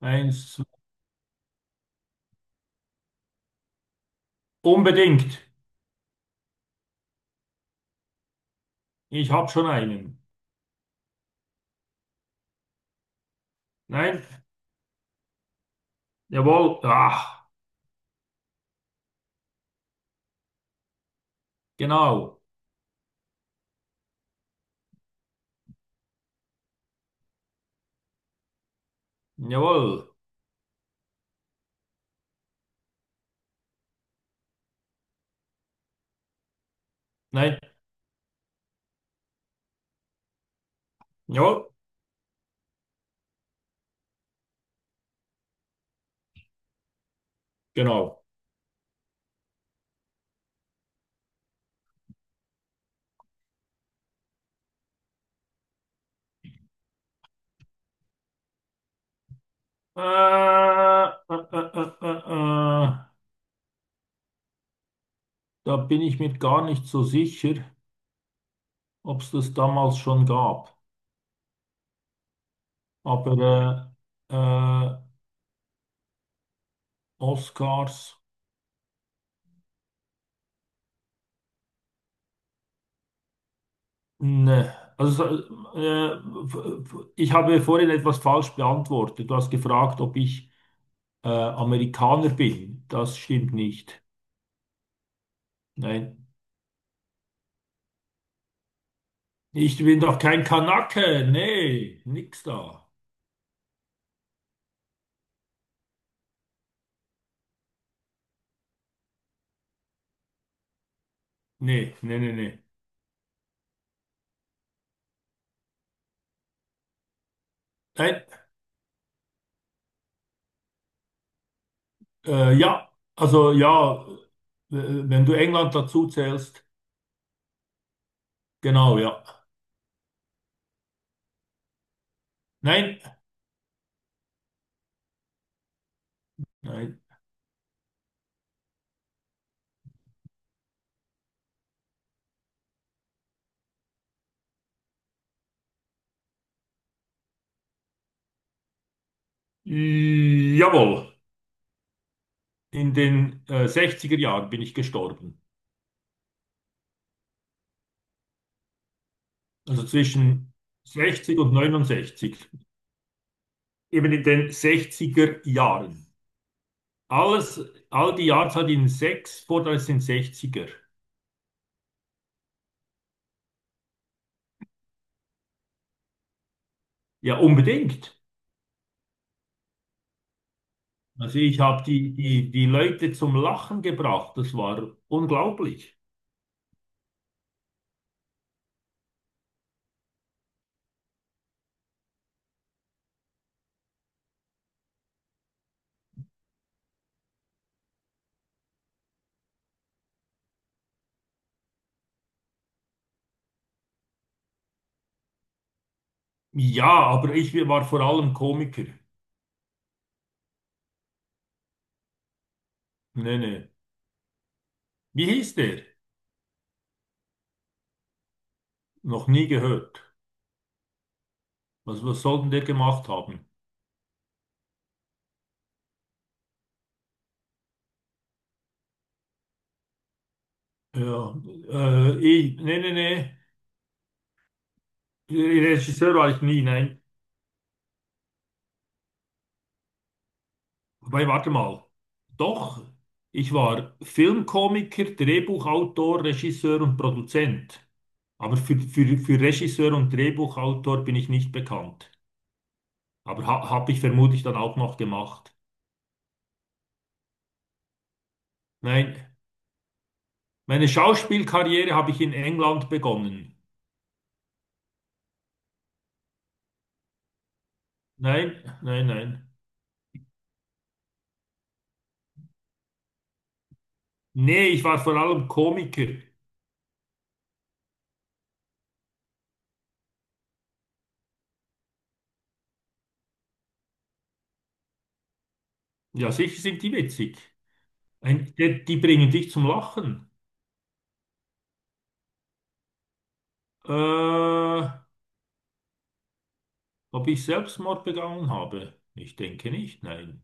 Eins, zwei. Unbedingt. Ich habe schon einen. Nein. Jawohl. Ah, genau. Jawohl. Nein. Jawohl. Genau. Äh, äh, äh, äh, äh. äh. Da bin ich mir gar nicht so sicher, ob es das damals schon gab. Aber äh, äh, Oscars, ne. Also, so, f- ich habe vorhin etwas falsch beantwortet. Du hast gefragt, ob ich Amerikaner bin. Das stimmt nicht. Nein. Ich bin doch kein Kanake. Nee, nix da. Nee, nee, nee, nee. Nein, ja, also ja, wenn du England dazu zählst, genau, ja. Nein, nein. Jawohl, in den 60er Jahren bin ich gestorben. Also zwischen 60 und 69. Eben in den 60er Jahren. Alles, all die Jahreszahl in 6, vor, das sind 60er. Ja, unbedingt. Also ich habe die Leute zum Lachen gebracht. Das war unglaublich. Ja, aber ich war vor allem Komiker. Nee, nee. Wie hieß der? Noch nie gehört. Was soll denn der gemacht haben? Ja, ich, nee, nee, nee. Regisseur war ich nie, nein. Wobei, warte mal. Doch, ich war Filmkomiker, Drehbuchautor, Regisseur und Produzent. Aber für Regisseur und Drehbuchautor bin ich nicht bekannt. Aber ha habe ich vermutlich dann auch noch gemacht. Nein, meine Schauspielkarriere habe ich in England begonnen. Nein, nein, nein. Nee, ich war vor allem Komiker. Ja, sicher sind die witzig. Die bringen dich zum Lachen. Äh, Ob ich Selbstmord begangen habe? Ich denke nicht, nein.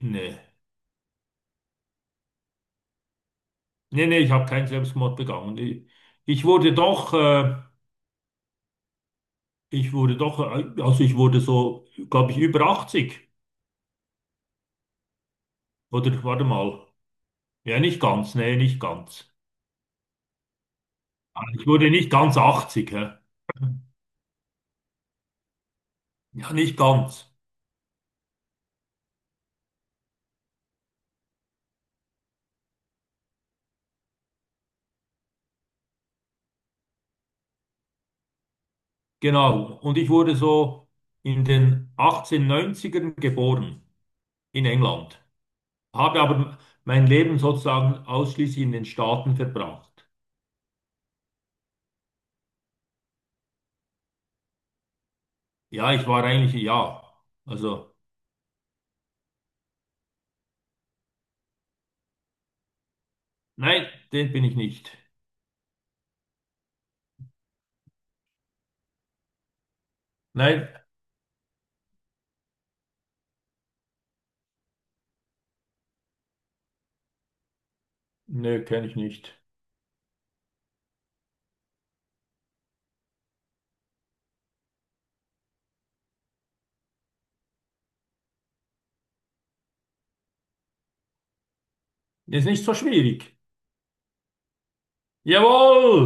Nee, nee, nee, ich habe keinen Selbstmord begangen. Ich wurde doch, also ich wurde so, glaube ich, über 80. Oder warte mal. Ja, nicht ganz, nee, nicht ganz. Also ich wurde nicht ganz achtzig, hä? Ja, nicht ganz. Genau. Und ich wurde so in den 1890ern geboren in England. Habe aber mein Leben sozusagen ausschließlich in den Staaten verbracht. Ja, ich war eigentlich, ja. Also, nein, den bin ich nicht. Nein, nö, kenne ich nicht. Ist nicht so schwierig. Jawohl!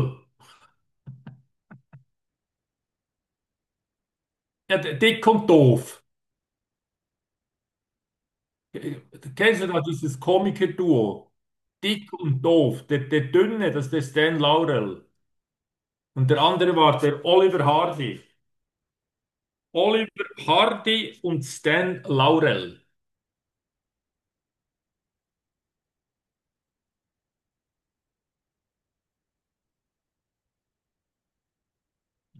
Ja, dick und doof. Kennst du da dieses Komiker-Duo? Dick und Doof. Der Dünne, das ist der Stan Laurel. Und der andere war der Oliver Hardy. Oliver Hardy und Stan Laurel.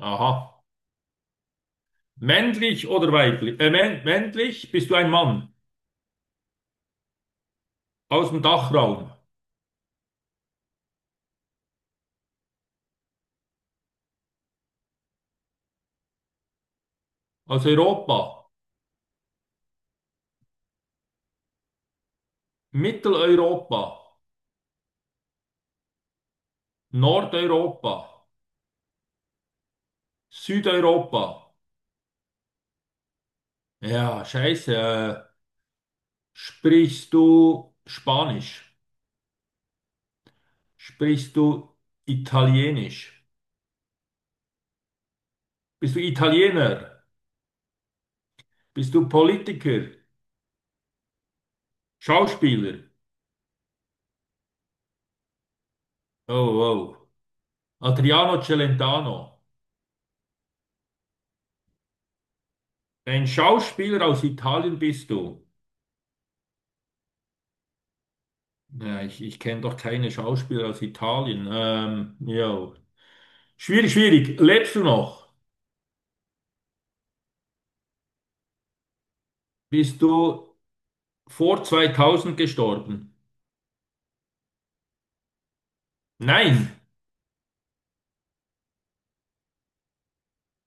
Aha. Männlich oder weiblich? Männlich bist du ein Mann. Aus dem Dachraum. Aus Europa. Mitteleuropa. Nordeuropa. Südeuropa. Ja, scheiße. Sprichst du Spanisch? Sprichst du Italienisch? Bist du Italiener? Bist du Politiker? Schauspieler? Oh, wow. Adriano Celentano. Ein Schauspieler aus Italien bist du. Ja, ich kenne doch keine Schauspieler aus Italien. Ja. Schwierig, schwierig. Lebst du noch? Bist du vor 2000 gestorben? Nein.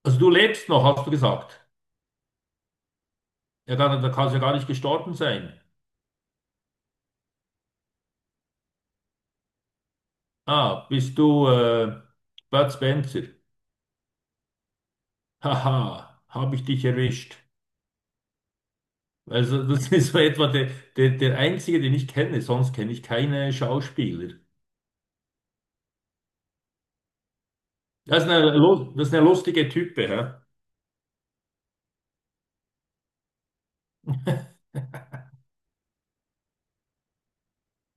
Also du lebst noch, hast du gesagt. Ja, dann kannst du ja gar nicht gestorben sein. Ah, bist du Bud Spencer? Haha, habe ich dich erwischt. Also das ist so etwa der einzige, den ich kenne. Sonst kenne ich keine Schauspieler. Das ist das ist eine lustige Type, hä?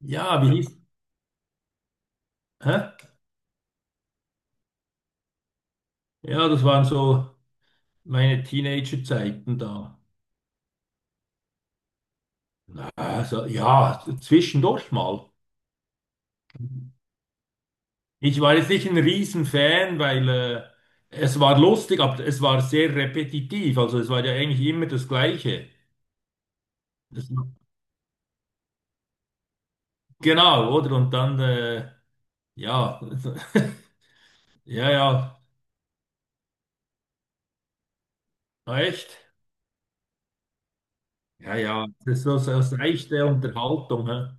Ja, wie hieß? Hä? Ja, das waren so meine Teenagerzeiten da. Also ja, zwischendurch mal. Ich war jetzt nicht ein Riesenfan, weil es war lustig, aber es war sehr repetitiv. Also es war ja eigentlich immer das Gleiche. Das, genau, oder? Und dann ja, ja, ja, ah, echt? Ja, ja, das ist so, so das Reich der Unterhaltung. Hä?